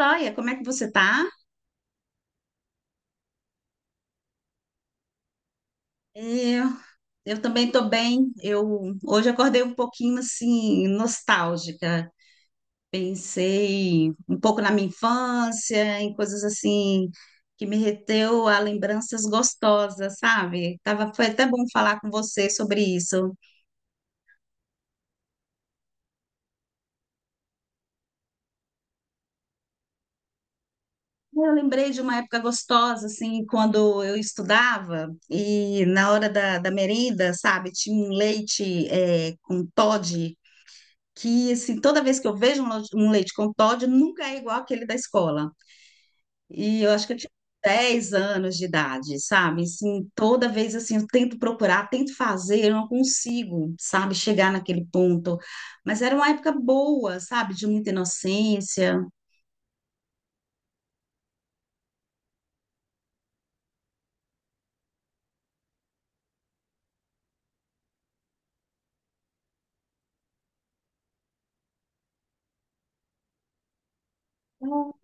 Joia, como é que você tá? Eu, eu também tô bem. Eu hoje acordei um pouquinho assim nostálgica. Pensei um pouco na minha infância, em coisas assim que me reteu a lembranças gostosas, sabe? Tava, foi até bom falar com você sobre isso. Eu lembrei de uma época gostosa, assim, quando eu estudava e na hora da merenda, sabe, tinha um leite com Toddy que assim, toda vez que eu vejo um leite com Toddy, nunca é igual aquele da escola. E eu acho que eu tinha 10 anos de idade, sabe? Assim, toda vez assim, eu tento procurar, tento fazer, eu não consigo, sabe, chegar naquele ponto. Mas era uma época boa, sabe, de muita inocência. O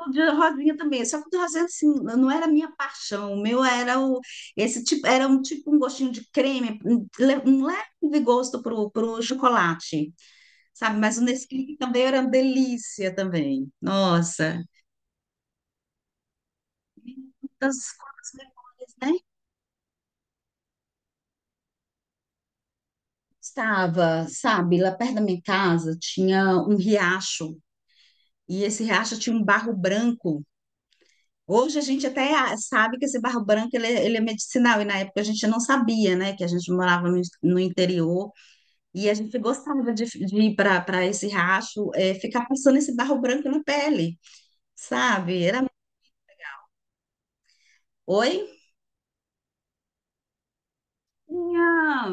o de Rosinha também, só que o de Rosinha assim, não era a minha paixão, o meu era o esse tipo, era um tipo um gostinho de creme, um leve gosto pro chocolate. Sabe? Mas o Nesquik também era uma delícia também. Nossa, quantas memórias, né? Estava, sabe, lá perto da minha casa tinha um riacho e esse riacho tinha um barro branco. Hoje a gente até sabe que esse barro branco ele é medicinal e na época a gente não sabia, né? Que a gente morava no interior e a gente gostava de ir para esse riacho, é ficar passando esse barro branco na pele, sabe? Era, oi? Tinha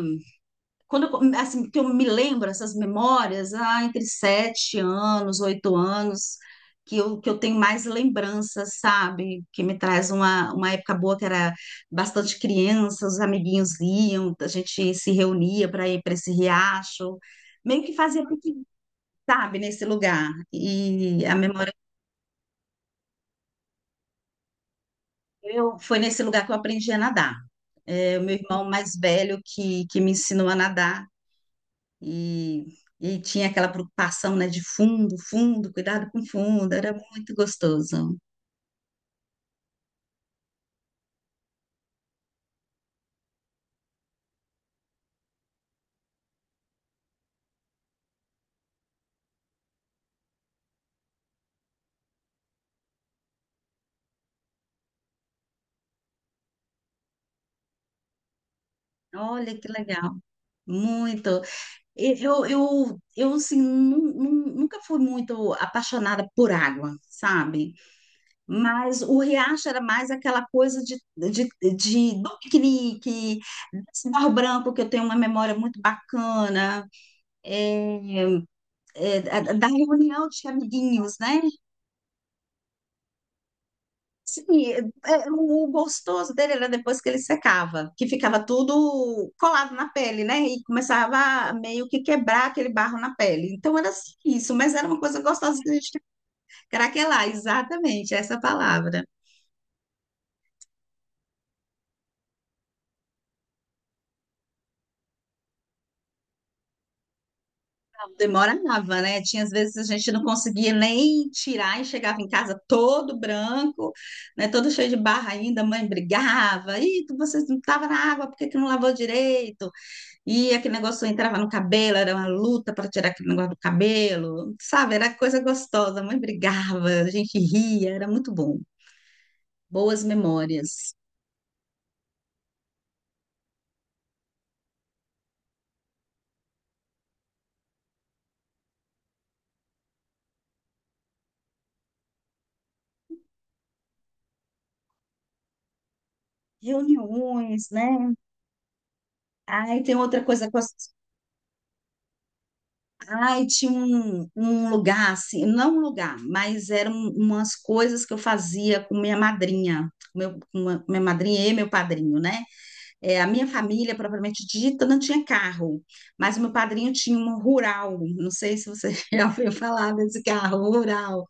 quando eu, assim, que eu me lembro essas memórias, entre 7 anos, 8 anos, que eu tenho mais lembranças, sabe? Que me traz uma época boa que era bastante criança, os amiguinhos iam, a gente se reunia para ir para esse riacho, meio que fazia piquenique, sabe, nesse lugar. E a memória que eu foi nesse lugar que eu aprendi a nadar. É, o meu irmão mais velho que me ensinou a nadar. E, e tinha aquela preocupação, né, de fundo, fundo, cuidado com fundo, era muito gostoso. Olha que legal, muito. E eu assim, nunca fui muito apaixonada por água, sabe? Mas o riacho era mais aquela coisa de do piquenique, desse Barro Branco, que eu tenho uma memória muito bacana, é, é, da reunião de amiguinhos, né? Sim, é- o gostoso dele era depois que ele secava, que ficava tudo colado na pele, né? E começava a meio que quebrar aquele barro na pele. Então era assim, isso, mas era uma coisa gostosa que a gente craquelar, exatamente essa palavra. Demorava, né? Tinha às vezes a gente não conseguia nem tirar e chegava em casa todo branco, né? Todo cheio de barro ainda, a mãe brigava, e você não estava na água, por que que não lavou direito? E aquele negócio entrava no cabelo, era uma luta para tirar aquele negócio do cabelo, sabe? Era coisa gostosa, a mãe brigava, a gente ria, era muito bom. Boas memórias. Reuniões, né? Aí tem outra coisa. Com as- Ai, tinha um lugar, assim, não um lugar, mas eram umas coisas que eu fazia com minha madrinha, minha madrinha e meu padrinho, né? É, a minha família, propriamente dita, não tinha carro, mas o meu padrinho tinha um rural. Não sei se você já ouviu falar desse carro, rural.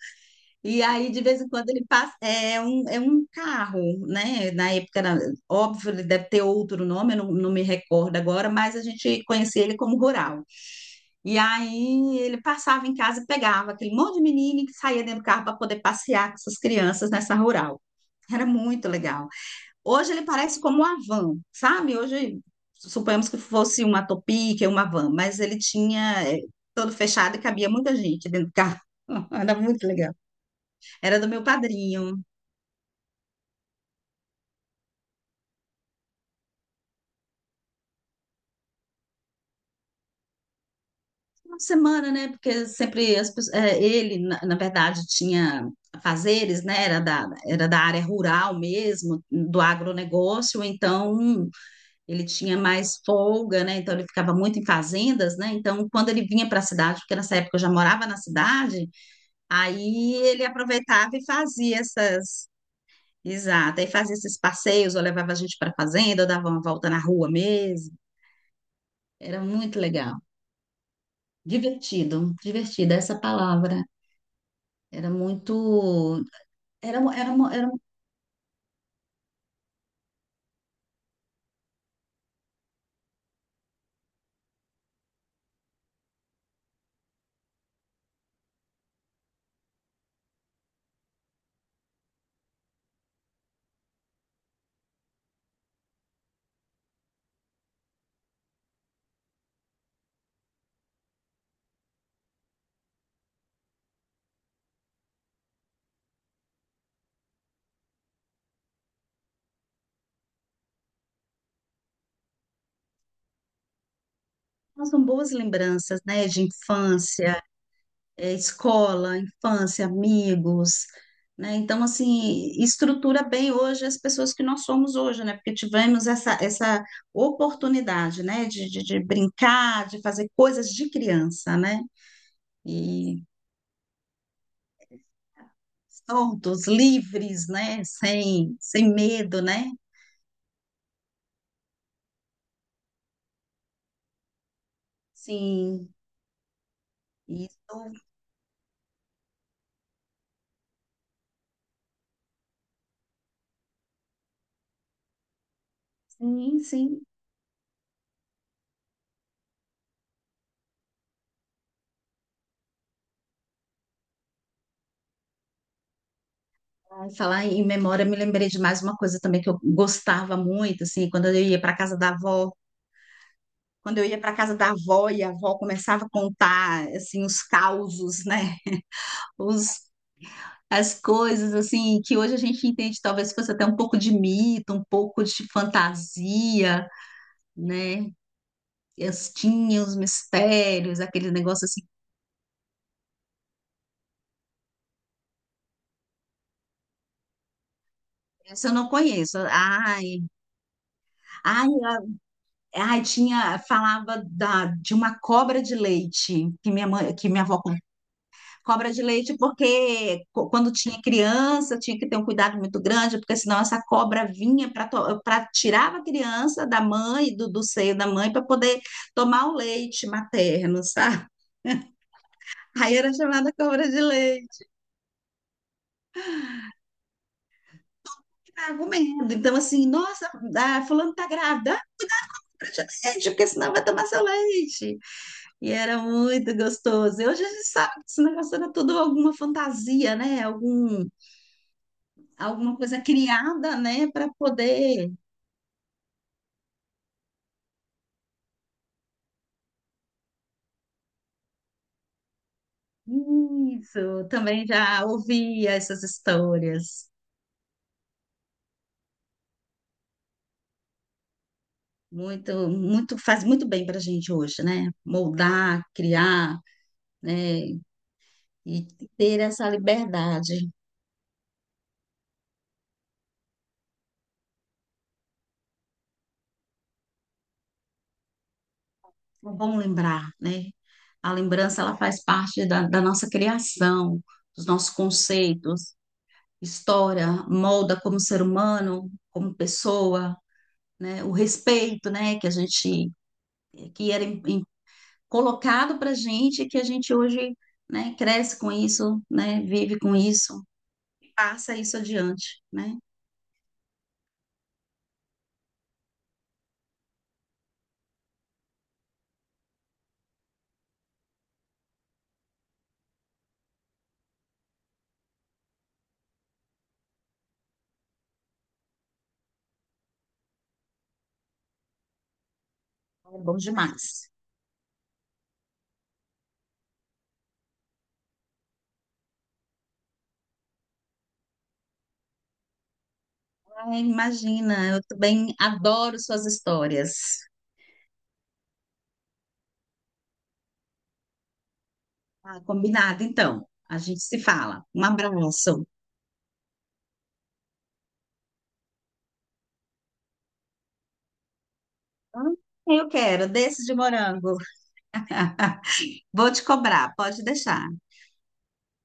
E aí, de vez em quando, ele passa. É um carro, né? Na época, era- óbvio, ele deve ter outro nome, eu não, não me recordo agora, mas a gente conhecia ele como rural. E aí, ele passava em casa e pegava aquele monte de menino que saía dentro do carro para poder passear com essas crianças nessa rural. Era muito legal. Hoje ele parece como uma van, sabe? Hoje, suponhamos que fosse uma Topic, uma van, mas ele tinha todo fechado e cabia muita gente dentro do carro. Era muito legal. Era do meu padrinho. Uma semana, né? Porque sempre as pessoas- ele, na verdade, tinha fazeres, né? Era era da área rural mesmo, do agronegócio, então ele tinha mais folga, né? Então ele ficava muito em fazendas, né? Então, quando ele vinha para a cidade, porque nessa época eu já morava na cidade, aí ele aproveitava e fazia essas. Exato, aí fazia esses passeios, ou levava a gente para a fazenda, ou dava uma volta na rua mesmo. Era muito legal. Divertido, divertido essa palavra. Era muito. Era, eram boas lembranças, né, de infância. É, escola, infância, amigos, né? Então, assim, estrutura bem hoje as pessoas que nós somos hoje, né? Porque tivemos essa oportunidade, né? De brincar, de fazer coisas de criança, né? E soltos, livres, né? Sem medo, né? Sim, isso, sim, sim. Ai, falar em memória, me lembrei de mais uma coisa também que eu gostava muito, assim, quando eu ia para casa da avó. Quando eu ia para casa da avó e a avó começava a contar assim os causos, né? Os as coisas assim que hoje a gente entende talvez fosse até um pouco de mito, um pouco de fantasia, né? As, tinha os mistérios, aquele negócio assim. Essa eu não conheço. Ai, a- ai, tinha, falava de uma cobra de leite que minha mãe, que minha avó. Cobra de leite, porque quando tinha criança, tinha que ter um cuidado muito grande, porque senão essa cobra vinha para para tirar a criança da mãe, do seio da mãe, para poder tomar o leite materno, sabe? Aí era chamada cobra de leite. Ficava medo. Então, assim, nossa, ah, fulano tá grávida, ah, cobra de leite, porque senão vai tomar seu leite. E era muito gostoso. E hoje a gente sabe que esse negócio era tudo alguma fantasia, né? Algum, alguma coisa criada, né, para poder. Isso, também já ouvi essas histórias. Muito, muito, faz muito bem para a gente hoje, né? Moldar, criar, né? E ter essa liberdade. É bom lembrar, né? A lembrança, ela faz parte da nossa criação, dos nossos conceitos. História molda como ser humano, como pessoa, né? O respeito, né? Que a gente, que era im- colocado para a gente que a gente hoje, né, cresce com isso, né, vive com isso, passa isso adiante, né? É bom demais. Ai, imagina, eu também adoro suas histórias. Ah, combinado, então. A gente se fala. Um abraço. Ah, eu quero, desses de morango. Vou te cobrar, pode deixar.